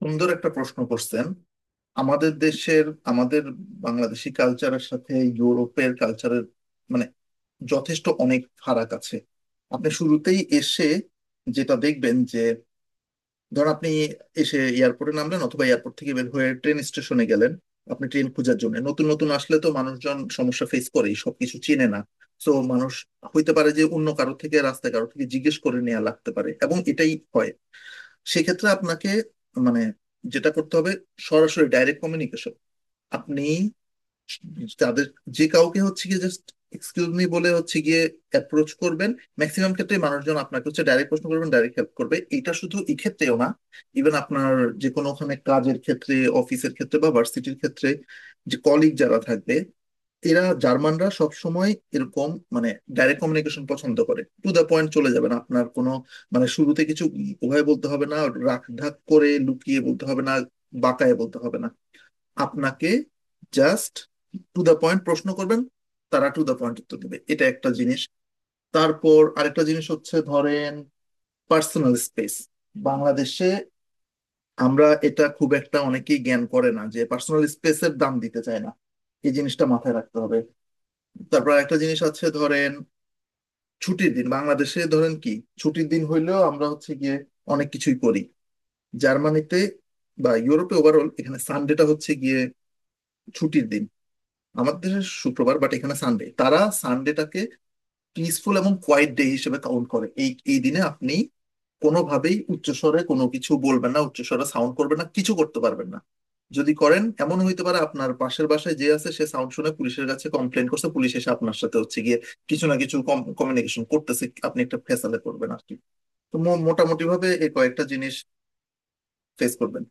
সুন্দর একটা প্রশ্ন করছেন। আমাদের দেশের, আমাদের বাংলাদেশি কালচারের সাথে ইউরোপের কালচারের মানে যথেষ্ট অনেক ফারাক আছে। আপনি শুরুতেই এসে যেটা দেখবেন যে, ধর আপনি এসে এয়ারপোর্টে নামলেন অথবা এয়ারপোর্ট থেকে বের হয়ে ট্রেন স্টেশনে গেলেন। আপনি ট্রেন খোঁজার জন্য, নতুন নতুন আসলে তো মানুষজন সমস্যা ফেস করেই, সবকিছু চেনে না। তো মানুষ হইতে পারে যে অন্য কারো থেকে, রাস্তায় কারো থেকে জিজ্ঞেস করে নেওয়া লাগতে পারে, এবং এটাই হয়। সেক্ষেত্রে আপনাকে মানে যেটা করতে হবে, সরাসরি ডাইরেক্ট কমিউনিকেশন। আপনি তাদের যে কাউকে হচ্ছে গিয়ে জাস্ট এক্সকিউজ মি বলে হচ্ছে গিয়ে অ্যাপ্রোচ করবেন। ম্যাক্সিমাম ক্ষেত্রে মানুষজন আপনাকে হচ্ছে ডাইরেক্ট প্রশ্ন করবেন, ডাইরেক্ট হেল্প করবে। এটা শুধু এক্ষেত্রেও না, ইভেন আপনার যে কোনো ওখানে কাজের ক্ষেত্রে, অফিসের ক্ষেত্রে বা ভার্সিটির ক্ষেত্রে যে কলিগ যারা থাকবে, এরা জার্মানরা সব সময় এরকম মানে ডাইরেক্ট কমিউনিকেশন পছন্দ করে। টু দ্য পয়েন্ট চলে যাবেন, আপনার কোনো মানে শুরুতে কিছু উভয় বলতে হবে না, রাখ ঢাক করে লুকিয়ে বলতে হবে না, বাঁকায়ে বলতে হবে না। আপনাকে জাস্ট টু দ্য পয়েন্ট প্রশ্ন করবেন, তারা টু দ্য পয়েন্ট উত্তর দেবে। এটা একটা জিনিস। তারপর আরেকটা জিনিস হচ্ছে ধরেন, পার্সোনাল স্পেস। বাংলাদেশে আমরা এটা খুব একটা, অনেকেই জ্ঞান করে না, যে পার্সোনাল স্পেসের দাম দিতে চায় না। এই জিনিসটা মাথায় রাখতে হবে। তারপর একটা জিনিস আছে, ধরেন ছুটির দিন। বাংলাদেশে ধরেন কি, ছুটির দিন হইলেও আমরা হচ্ছে গিয়ে অনেক কিছুই করি। জার্মানিতে বা ইউরোপে ওভারঅল এখানে সানডেটা হচ্ছে গিয়ে ছুটির দিন। আমাদের দেশে শুক্রবার, বাট এখানে সানডে। তারা সানডেটাকে পিসফুল এবং কোয়াইট ডে হিসেবে কাউন্ট করে। এই এই দিনে আপনি কোনোভাবেই উচ্চস্বরে কোনো কিছু বলবেন না, উচ্চস্বরে সাউন্ড করবেন না, কিছু করতে পারবেন না। যদি করেন, এমন হইতে পারে আপনার পাশের বাসায় যে আছে সে সাউন্ড শুনে পুলিশের কাছে কমপ্লেন করছে, পুলিশ এসে আপনার সাথে হচ্ছে গিয়ে কিছু না কিছু কমিউনিকেশন করতেছে, আপনি একটা ফেসালে করবেন আর কি। তো মোটামুটি ভাবে এই কয়েকটা জিনিস ফেস করবেন।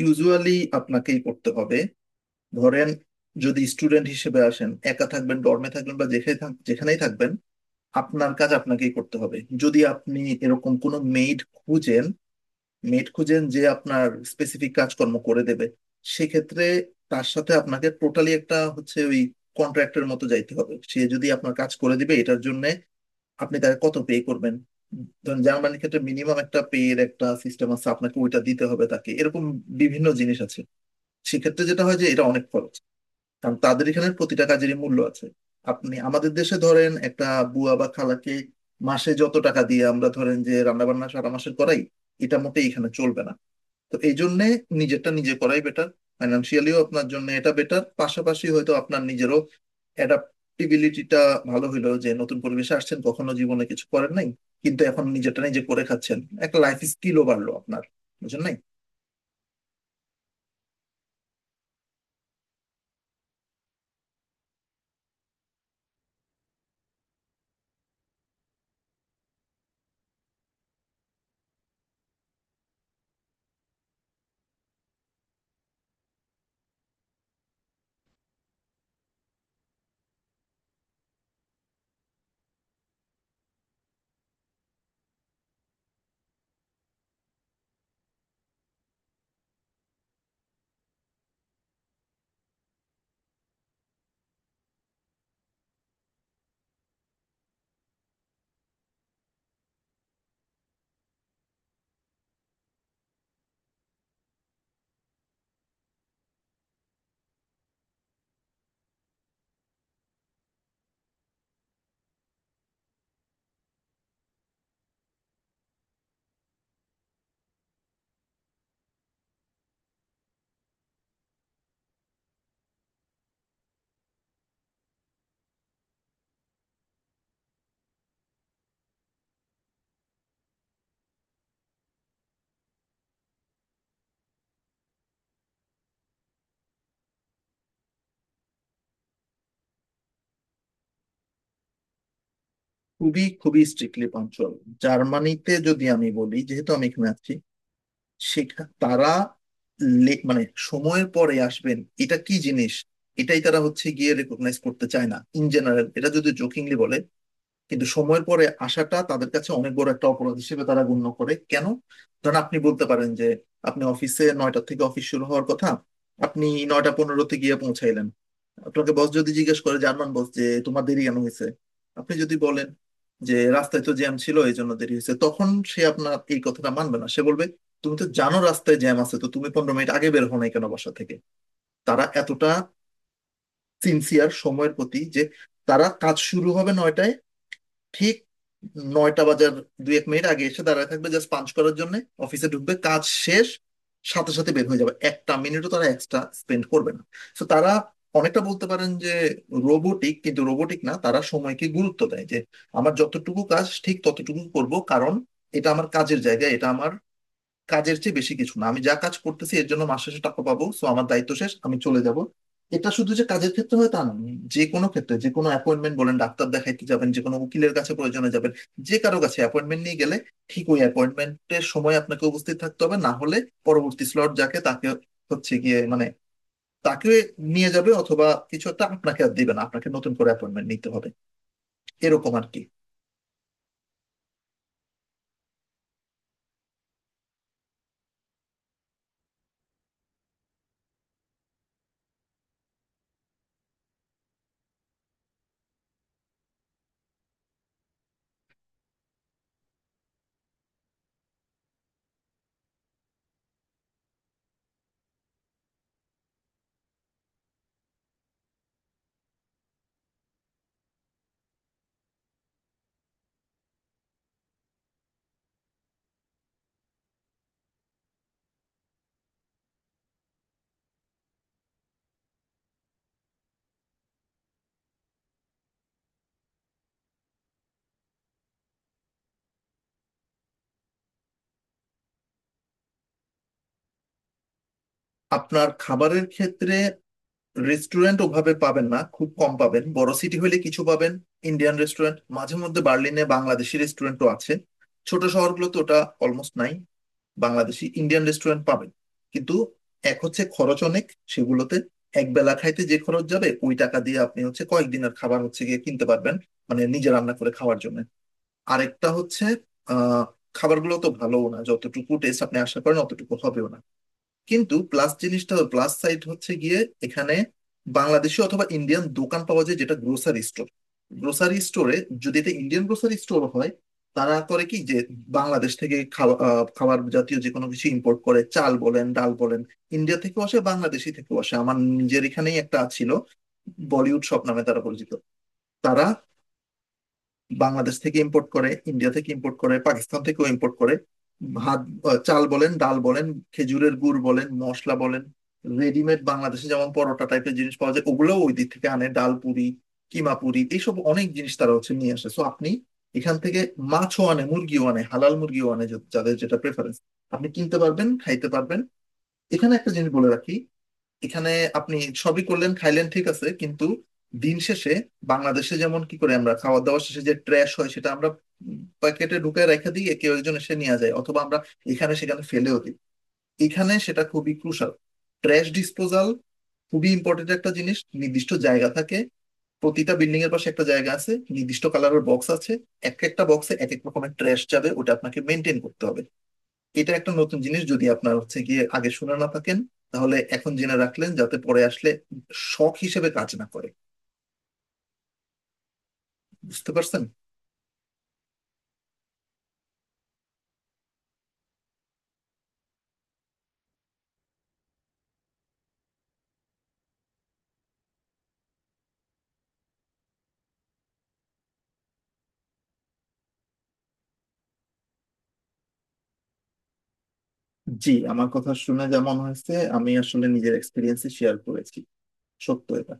ইউজুয়ালি আপনাকেই করতে হবে। ধরেন, যদি স্টুডেন্ট হিসেবে আসেন, একা থাকবেন, ডর্মে থাকবেন বা যেখানেই থাকবেন, আপনার কাজ আপনাকেই করতে হবে। যদি আপনি এরকম কোনো মেইড খুঁজেন মেড খুঁজেন যে আপনার স্পেসিফিক কাজকর্ম করে দেবে, সেক্ষেত্রে তার সাথে আপনাকে টোটালি একটা হচ্ছে ওই কন্ট্রাক্টের মতো যাইতে হবে। সে যদি আপনার কাজ করে দিবে, এটার জন্য আপনি তাকে কত পে করবেন? ধরেন জার্মানির ক্ষেত্রে মিনিমাম একটা পে এর একটা সিস্টেম আছে, আপনাকে ওইটা দিতে হবে তাকে। এরকম বিভিন্ন জিনিস আছে। সেক্ষেত্রে যেটা হয় যে এটা অনেক খরচ, কারণ তাদের এখানে প্রতিটা কাজেরই মূল্য আছে। আপনি আমাদের দেশে ধরেন একটা বুয়া বা খালাকে মাসে যত টাকা দিয়ে আমরা ধরেন যে রান্না বান্না সারা মাসের করাই, এটা মোটেই এখানে চলবে না। তো এই জন্য নিজেরটা নিজে করাই বেটার। ফাইন্যান্সিয়ালিও আপনার জন্য এটা বেটার, পাশাপাশি হয়তো আপনার নিজেরও অ্যাডাপ্টিবিলিটিটা ভালো হইলো, যে নতুন পরিবেশে আসছেন, কখনো জীবনে কিছু করেন নাই, কিন্তু এখন নিজেরটা নিজে করে খাচ্ছেন। একটা লাইফ স্কিলও বাড়লো আপনার, বুঝলেন নাই। খুবই খুবই স্ট্রিক্টলি পাঞ্চুয়াল। জার্মানিতে যদি আমি বলি, যেহেতু আমি এখানে আছি, সেখা তারা মানে সময়ের পরে আসবেন এটা কি জিনিস, এটাই তারা হচ্ছে গিয়ে রেকগনাইজ করতে চায় না, ইন জেনারেল। এটা যদি জোকিংলি বলে কিন্তু সময়ের পরে আসাটা তাদের কাছে অনেক বড় একটা অপরাধ হিসেবে তারা গণ্য করে। কেন? ধরেন আপনি বলতে পারেন যে, আপনি অফিসে 9টা থেকে অফিস শুরু হওয়ার কথা, আপনি 9টা 15-তে গিয়ে পৌঁছাইলেন। আপনাকে বস যদি জিজ্ঞেস করে, জার্মান বস, যে তোমার দেরি কেন হয়েছে? আপনি যদি বলেন যে রাস্তায় তো জ্যাম ছিল এই জন্য দেরি হয়েছে, তখন সে আপনার এই কথাটা মানবে না। সে বলবে, তুমি তো জানো রাস্তায় জ্যাম আছে, তো তুমি 15 মিনিট আগে বের হও নাই কেন বাসা থেকে? তারা এতটা সিনসিয়ার সময়ের প্রতি যে, তারা কাজ শুরু হবে 9টায়, ঠিক 9টা বাজার দুই এক মিনিট আগে এসে দাঁড়ায় থাকবে, জাস্ট পাঞ্চ করার জন্য। অফিসে ঢুকবে, কাজ শেষ, সাথে সাথে বের হয়ে যাবে, একটা মিনিটও তারা এক্সট্রা স্পেন্ড করবে না। তো তারা অনেকটা বলতে পারেন যে রোবোটিক, কিন্তু রোবোটিক না, তারা সময়কে গুরুত্ব দেয়, যে আমার যতটুকু কাজ ঠিক ততটুকু করব। কারণ এটা আমার কাজের জায়গা, এটা আমার কাজের চেয়ে বেশি কিছু না। আমি যা কাজ করতেছি এর জন্য মাস শেষে টাকা পাবো, সো আমার দায়িত্ব শেষ, আমি চলে যাব। এটা শুধু যে কাজের ক্ষেত্রে হয় তা না, যে কোনো ক্ষেত্রে যে কোনো অ্যাপয়েন্টমেন্ট বলেন, ডাক্তার দেখাইতে যাবেন, যে কোনো উকিলের কাছে প্রয়োজনে যাবেন, যে কারো কাছে অ্যাপয়েন্টমেন্ট নিয়ে গেলে ঠিক ওই অ্যাপয়েন্টমেন্টের সময় আপনাকে উপস্থিত থাকতে হবে। না হলে পরবর্তী স্লট যাকে তাকে হচ্ছে গিয়ে মানে তাকে নিয়ে যাবে, অথবা কিছু একটা আপনাকে আর দিবে না, আপনাকে নতুন করে অ্যাপয়েন্টমেন্ট নিতে হবে। এরকম আর কি। আপনার খাবারের ক্ষেত্রে, রেস্টুরেন্ট ওভাবে পাবেন না, খুব কম পাবেন। বড় সিটি হলে কিছু পাবেন, ইন্ডিয়ান রেস্টুরেন্ট। মাঝে মধ্যে বার্লিনে বাংলাদেশি রেস্টুরেন্টও আছে। ছোট শহরগুলোতে ওটা অলমোস্ট নাই, বাংলাদেশি ইন্ডিয়ান রেস্টুরেন্ট পাবেন। কিন্তু এক হচ্ছে খরচ অনেক সেগুলোতে, এক বেলা খাইতে যে খরচ যাবে ওই টাকা দিয়ে আপনি হচ্ছে কয়েকদিনের খাবার হচ্ছে গিয়ে কিনতে পারবেন, মানে নিজে রান্না করে খাওয়ার জন্য। আরেকটা হচ্ছে আহ খাবারগুলো তো ভালোও না, যতটুকু টেস্ট আপনি আশা করেন অতটুকু হবেও না। কিন্তু প্লাস জিনিসটা, প্লাস সাইড হচ্ছে গিয়ে, এখানে বাংলাদেশি অথবা ইন্ডিয়ান দোকান পাওয়া যায়, যেটা গ্রোসারি স্টোর। গ্রোসারি স্টোরে, যদি এটা ইন্ডিয়ান গ্রোসারি স্টোর হয়, তারা করে কি যে বাংলাদেশ থেকে খাবার জাতীয় যে কোনো কিছু ইম্পোর্ট করে। চাল বলেন, ডাল বলেন, ইন্ডিয়া থেকেও আসে, বাংলাদেশি থেকেও আসে। আমার নিজের এখানেই একটা ছিল, বলিউড শপ নামে তারা পরিচিত। তারা বাংলাদেশ থেকে ইম্পোর্ট করে, ইন্ডিয়া থেকে ইম্পোর্ট করে, পাকিস্তান থেকেও ইম্পোর্ট করে। ভাত, চাল বলেন, ডাল বলেন, খেজুরের গুড় বলেন, মশলা বলেন, রেডিমেড বাংলাদেশে যেমন পরোটা টাইপের জিনিস পাওয়া যায় ওগুলোও ওই দিক থেকে আনে, ডাল পুরি, কিমা পুরি, এইসব অনেক জিনিস তারা হচ্ছে নিয়ে আসে। সো আপনি এখান থেকে, মাছও আনে, মুরগিও আনে, হালাল মুরগিও আনে, যাদের যেটা প্রেফারেন্স, আপনি কিনতে পারবেন, খাইতে পারবেন। এখানে একটা জিনিস বলে রাখি, এখানে আপনি সবই করলেন, খাইলেন, ঠিক আছে। কিন্তু দিন শেষে, বাংলাদেশে যেমন কি করে আমরা খাওয়া দাওয়া শেষে যে ট্র্যাশ হয় সেটা আমরা প্যাকেটে ঢুকে রেখে দিয়ে কেউ একজন এসে নিয়ে যায়, অথবা আমরা এখানে সেখানে ফেলেও দিই। এখানে সেটা খুবই ক্রুশাল, ট্র্যাশ ডিসপোজাল, খুবই ইম্পর্টেন্ট একটা জিনিস। নির্দিষ্ট জায়গা থাকে, প্রতিটা বিল্ডিং এর পাশে একটা জায়গা আছে, নির্দিষ্ট কালারের বক্স আছে, এক একটা বক্সে এক এক রকমের ট্র্যাশ যাবে, ওটা আপনাকে মেনটেন করতে হবে। এটা একটা নতুন জিনিস, যদি আপনার হচ্ছে গিয়ে আগে শুনে না থাকেন, তাহলে এখন জেনে রাখলেন, যাতে পরে আসলে শখ হিসেবে কাজ না করে। বুঝতে পারছেন। জি, আমার কথা শুনে যেমন হয়েছে, আমি আসলে নিজের এক্সপিরিয়েন্স শেয়ার করেছি। সত্য এটা।